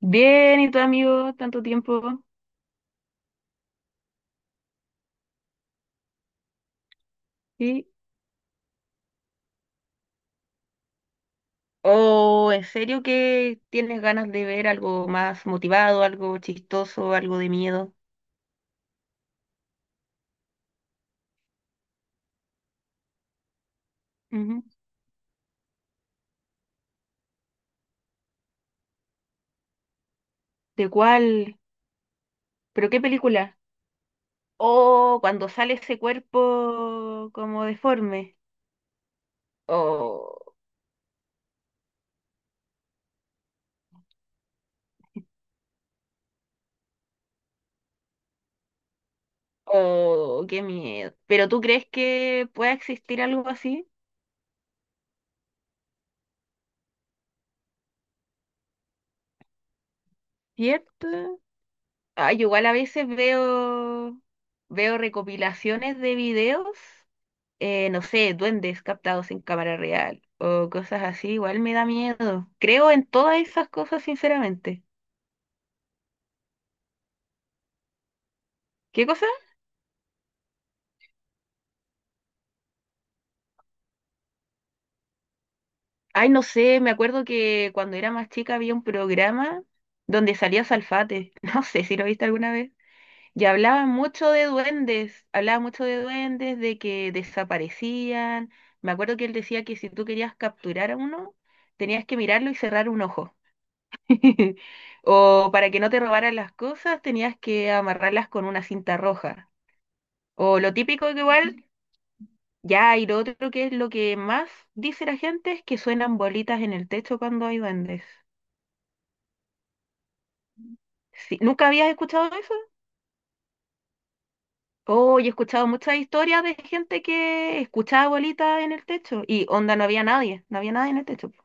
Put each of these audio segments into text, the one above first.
Bien, ¿y tu amigo? Tanto tiempo. ¿Sí? ¿O en serio que tienes ganas de ver algo más motivado, algo chistoso, algo de miedo? Ujú. ¿De cuál? ¿Pero qué película? ¿O cuando sale ese cuerpo como deforme? ¿O, o qué miedo? ¿Pero tú crees que pueda existir algo así? ¿Cierto? Ay, igual a veces veo, veo recopilaciones de videos no sé, duendes captados en cámara real o cosas así, igual me da miedo. Creo en todas esas cosas, sinceramente. ¿Qué cosa? Ay, no sé, me acuerdo que cuando era más chica había un programa donde salía Salfate, no sé si lo viste alguna vez, y hablaban mucho de duendes, hablaban mucho de duendes, de que desaparecían. Me acuerdo que él decía que si tú querías capturar a uno, tenías que mirarlo y cerrar un ojo. O para que no te robaran las cosas, tenías que amarrarlas con una cinta roja. O lo típico que igual, ya, y lo otro que es lo que más dice la gente es que suenan bolitas en el techo cuando hay duendes. Sí, ¿nunca habías escuchado eso? Oh, yo he escuchado muchas historias de gente que escuchaba bolitas en el techo y onda, no había nadie, no había nadie en el techo, po.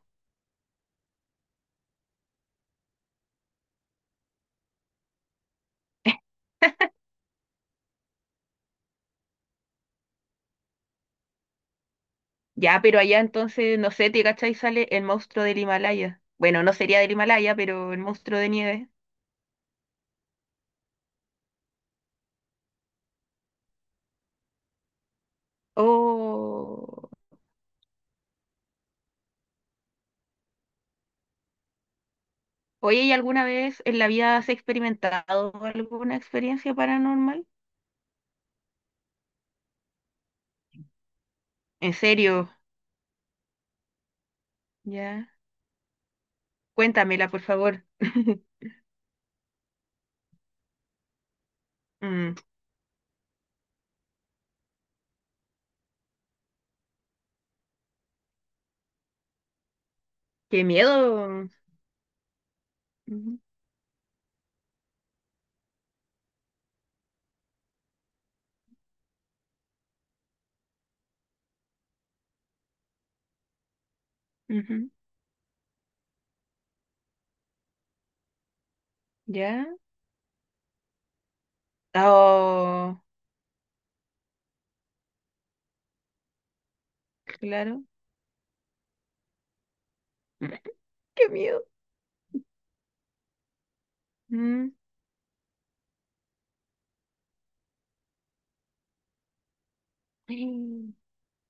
Ya, pero allá entonces, no sé, te cachai, sale el monstruo del Himalaya. Bueno, no sería del Himalaya, pero el monstruo de nieve. Oh. Oye, ¿y alguna vez en la vida has experimentado alguna experiencia paranormal? En serio, ya. Cuéntamela, por favor. Mm, qué miedo. Ujú, ujú, ¿ya? Oh, claro. Qué miedo. Mm. Mm,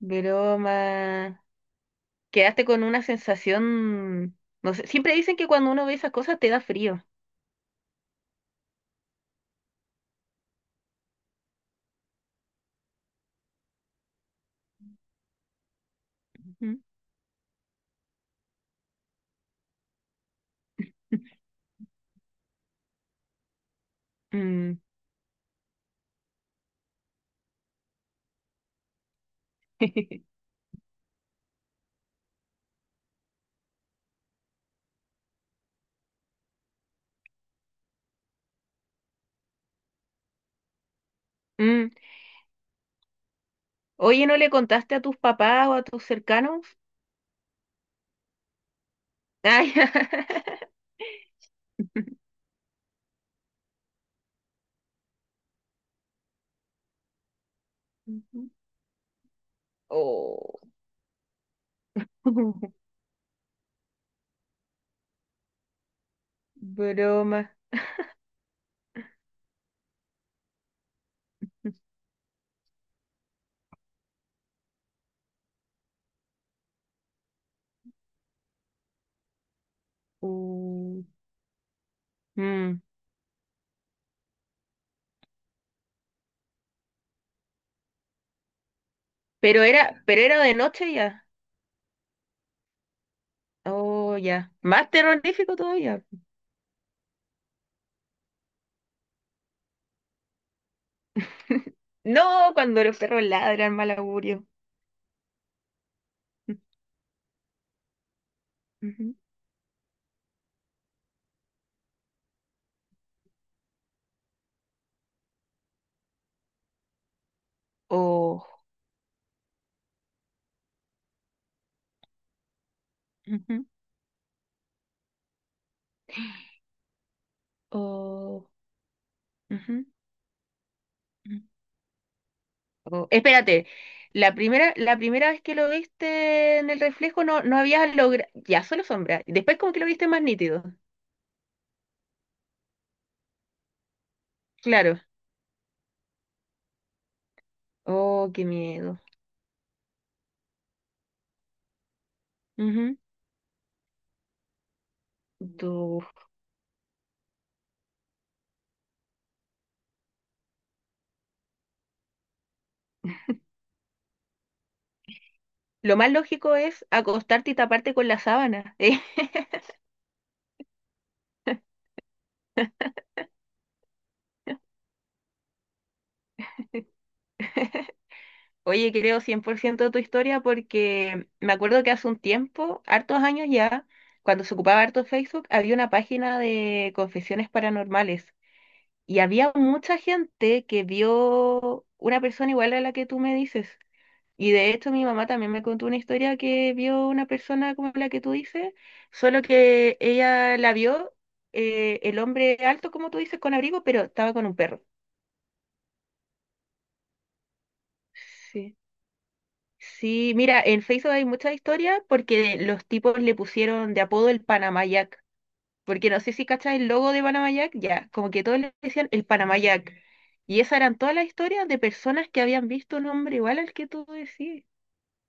broma. Quedaste con una sensación, no sé, siempre dicen que cuando uno ve esas cosas te da frío. Ujú. Mm. Mm. Oye, ¿no le contaste a tus papás o a tus cercanos? Ay, ujú. Oh, broma. Uh, mm. Pero era de noche ya. Oh, ya. Más terrorífico todavía. No, cuando los perros ladran, mal augurio. Ujú. Oh, ujú. Oh, ujú. Oh. Espérate, la primera vez que lo viste en el reflejo no, no habías logrado, ya solo sombra, después como que lo viste más nítido, claro. Oh, qué miedo. Du- Lo más lógico es acostarte y taparte con la sábana. ¿Eh? Oye, creo 100% de tu historia porque me acuerdo que hace un tiempo, hartos años ya, cuando se ocupaba harto Facebook, había una página de confesiones paranormales y había mucha gente que vio una persona igual a la que tú me dices. Y de hecho mi mamá también me contó una historia que vio una persona como la que tú dices, solo que ella la vio el hombre alto, como tú dices, con abrigo, pero estaba con un perro. Sí. Sí, mira, en Facebook hay muchas historias porque los tipos le pusieron de apodo el Panamayac. Porque no sé si cachas el logo de Panamayac, ya, como que todos le decían el Panamayac. Y esas eran todas las historias de personas que habían visto un hombre igual al que tú decís.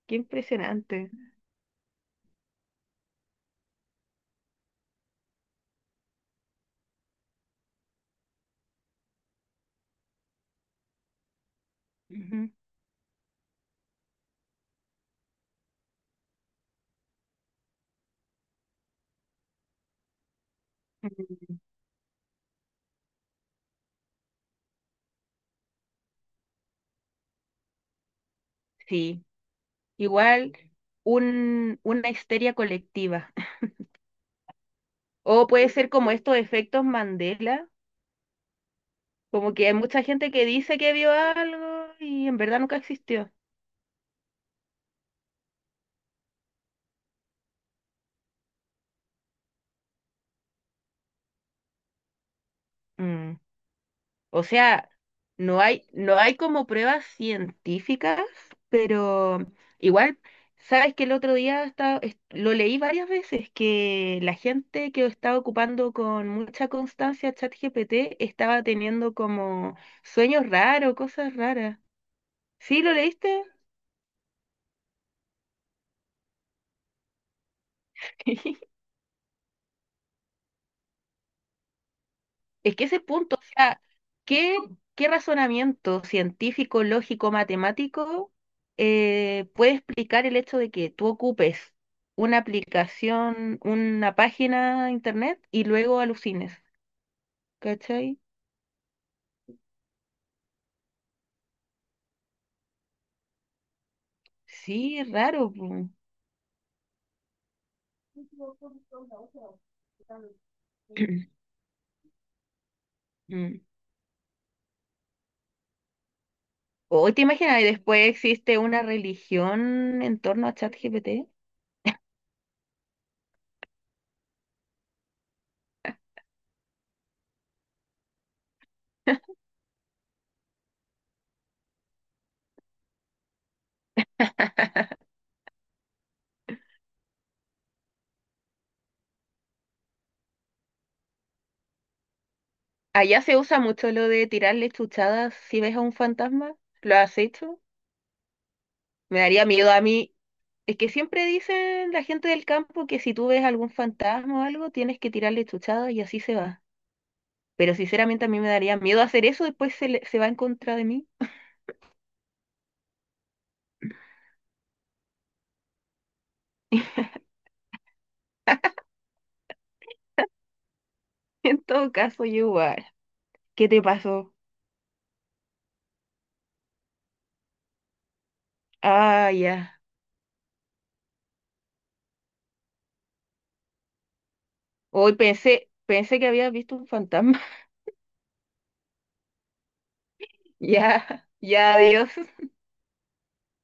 Qué impresionante. Ujú. Mm, sí, igual un, una histeria colectiva. O puede ser como estos efectos Mandela, como que hay mucha gente que dice que vio algo y en verdad nunca existió. O sea, no hay, no hay como pruebas científicas, pero igual, sabes que el otro día lo leí varias veces que la gente que estaba ocupando con mucha constancia ChatGPT estaba teniendo como sueños raros, cosas raras. ¿Sí lo leíste? Es que ese punto, o sea, ¿qué, qué razonamiento científico, lógico, matemático puede explicar el hecho de que tú ocupes una aplicación, una página de internet y luego alucines? ¿Cachai? Sí, es raro, po. Mm. ¿O te imaginas? Y después existe una religión en torno a ChatGPT. Allá se usa mucho lo de tirarle chuchadas si ves a un fantasma. ¿Lo has hecho? Me daría miedo a mí. Es que siempre dicen la gente del campo que si tú ves algún fantasma o algo, tienes que tirarle chuchada y así se va. Pero sinceramente a mí me daría miedo hacer eso, después se, se va en contra de mí. En todo caso, yo igual. ¿Qué te pasó? Ah, ya. Hoy pensé, pensé que habías visto un fantasma. Ya, ya, adiós.